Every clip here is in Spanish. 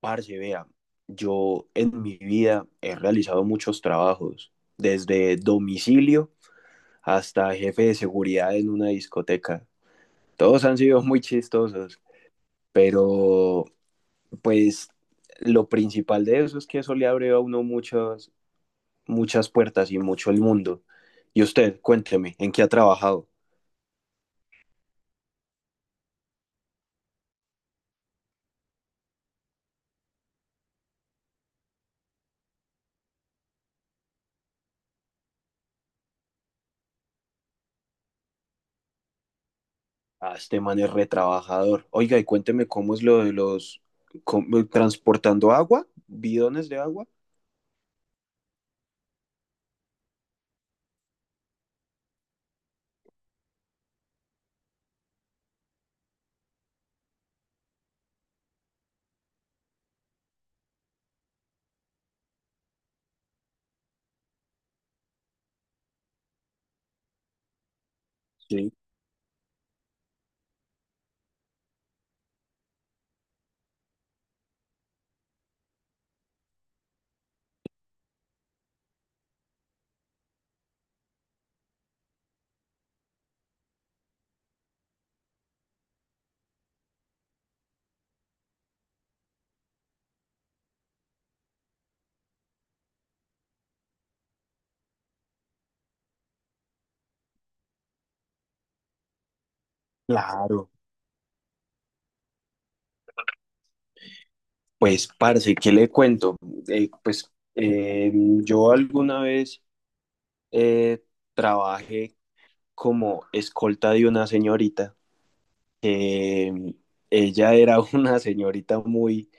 Parce, vea, yo en mi vida he realizado muchos trabajos, desde domicilio hasta jefe de seguridad en una discoteca. Todos han sido muy chistosos, pero pues lo principal de eso es que eso le abre a uno muchas, muchas puertas y mucho el mundo. Y usted, cuénteme, ¿en qué ha trabajado? Ah, este man es retrabajador. Oiga, y cuénteme cómo es lo de los transportando agua, bidones de agua. Sí, claro. Pues, parce, ¿qué le cuento? Pues yo alguna vez eh, trabajé como escolta de una señorita. Eh, Ella era una señorita muy,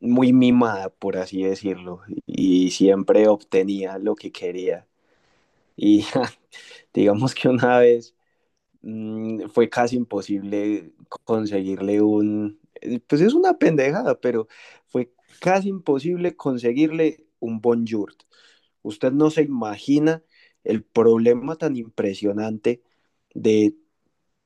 muy mimada, por así decirlo, y siempre obtenía lo que quería. Y digamos que una vez fue casi imposible conseguirle pues es una pendejada, pero fue casi imposible conseguirle un bonjour. Usted no se imagina el problema tan impresionante de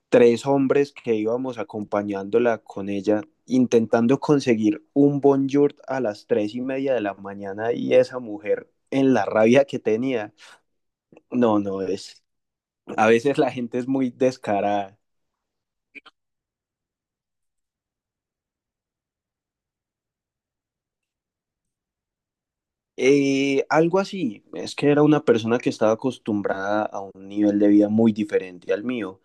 tres hombres que íbamos acompañándola con ella, intentando conseguir un bonjour a las 3:30 de la mañana, y esa mujer en la rabia que tenía. No, no, a veces la gente es muy descarada. Algo así, es que era una persona que estaba acostumbrada a un nivel de vida muy diferente al mío.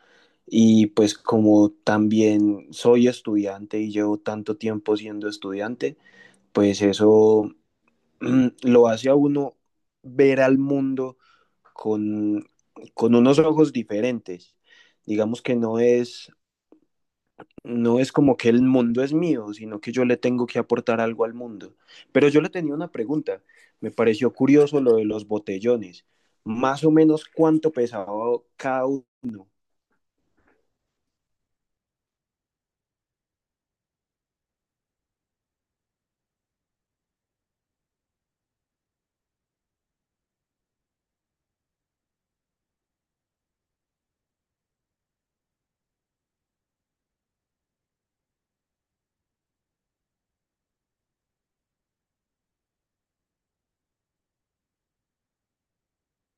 Y pues como también soy estudiante y llevo tanto tiempo siendo estudiante, pues eso lo hace a uno ver al mundo con, con unos ojos diferentes. Digamos que no es como que el mundo es mío, sino que yo le tengo que aportar algo al mundo. Pero yo le tenía una pregunta, me pareció curioso lo de los botellones, ¿más o menos cuánto pesaba cada uno?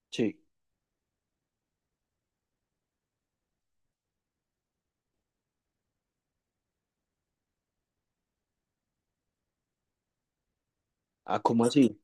Sí. ¿Ah, cómo así?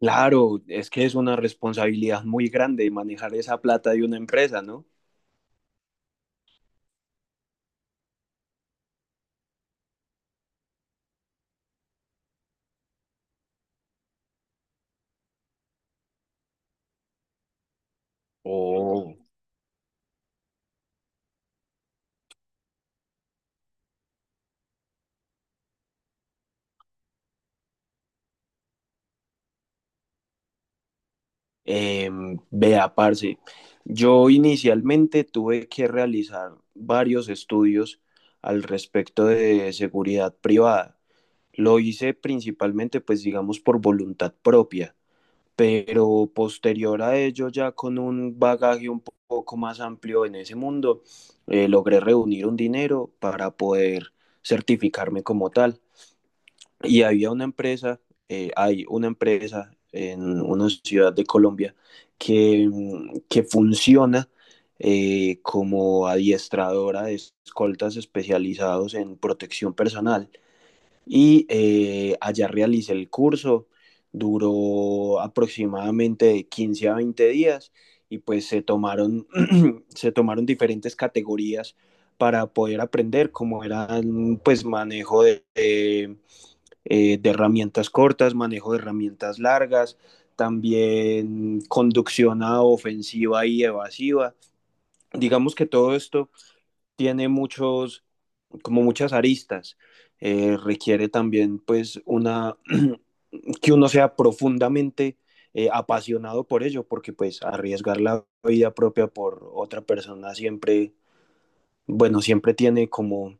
Claro, es que es una responsabilidad muy grande manejar esa plata de una empresa, ¿no? Oh, vea, parce, yo inicialmente tuve que realizar varios estudios al respecto de seguridad privada. Lo hice principalmente, pues digamos, por voluntad propia, pero posterior a ello, ya con un bagaje un poco más amplio en ese mundo, logré reunir un dinero para poder certificarme como tal. Y había una empresa, hay una empresa en una ciudad de Colombia que funciona como adiestradora de escoltas especializados en protección personal, y allá realicé el curso. Duró aproximadamente de 15 a 20 días y pues se tomaron, se tomaron diferentes categorías para poder aprender, como eran pues manejo de herramientas cortas, manejo de herramientas largas, también conducción a ofensiva y evasiva. Digamos que todo esto tiene muchos, como muchas aristas. Requiere también pues una que uno sea profundamente apasionado por ello, porque pues arriesgar la vida propia por otra persona siempre, bueno, siempre tiene como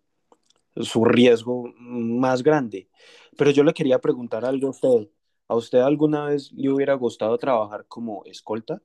su riesgo más grande. Pero yo le quería preguntar algo a usted. ¿A usted alguna vez le hubiera gustado trabajar como escolta?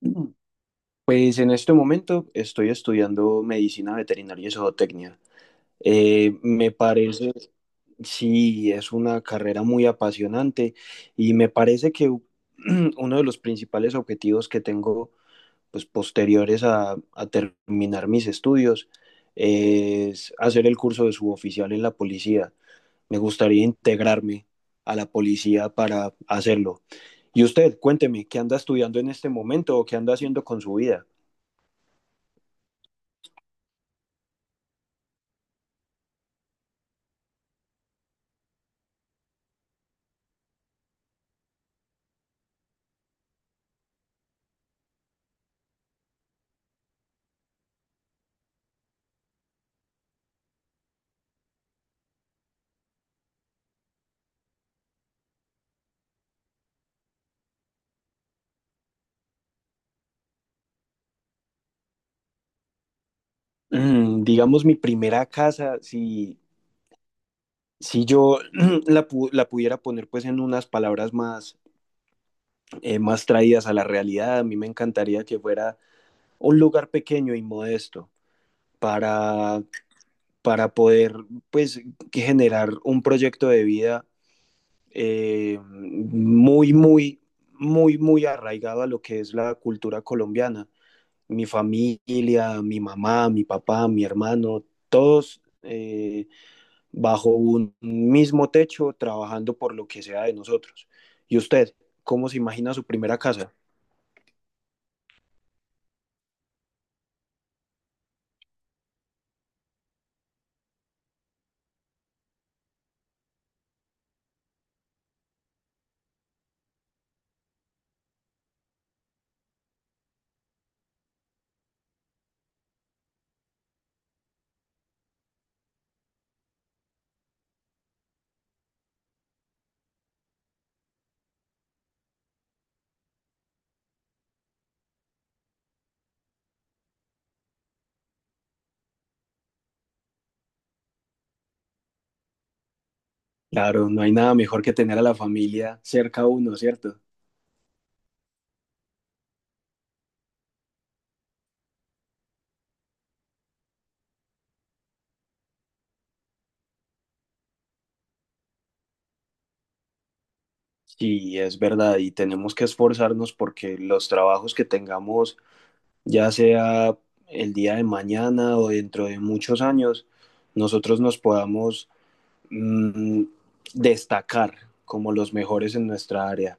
Pues en este momento estoy estudiando medicina veterinaria y zootecnia. Me parece, sí, es una carrera muy apasionante, y me parece uno de los principales objetivos que tengo, pues posteriores a terminar mis estudios, es hacer el curso de suboficial en la policía. Me gustaría integrarme a la policía para hacerlo. Y usted, cuénteme, ¿qué anda estudiando en este momento o qué anda haciendo con su vida? Digamos, mi primera casa, si si yo la pudiera poner pues en unas palabras más, más traídas a la realidad, a mí me encantaría que fuera un lugar pequeño y modesto para, para, poder pues que generar un proyecto de vida muy, muy, muy, muy arraigado a lo que es la cultura colombiana. Mi familia, mi mamá, mi papá, mi hermano, todos bajo un mismo techo, trabajando por lo que sea de nosotros. ¿Y usted cómo se imagina su primera casa? Claro, no hay nada mejor que tener a la familia cerca a uno, ¿cierto? Sí, es verdad, y tenemos que esforzarnos porque los trabajos que tengamos, ya sea el día de mañana o dentro de muchos años, nosotros nos podamos mm, destacar como los mejores en nuestra área.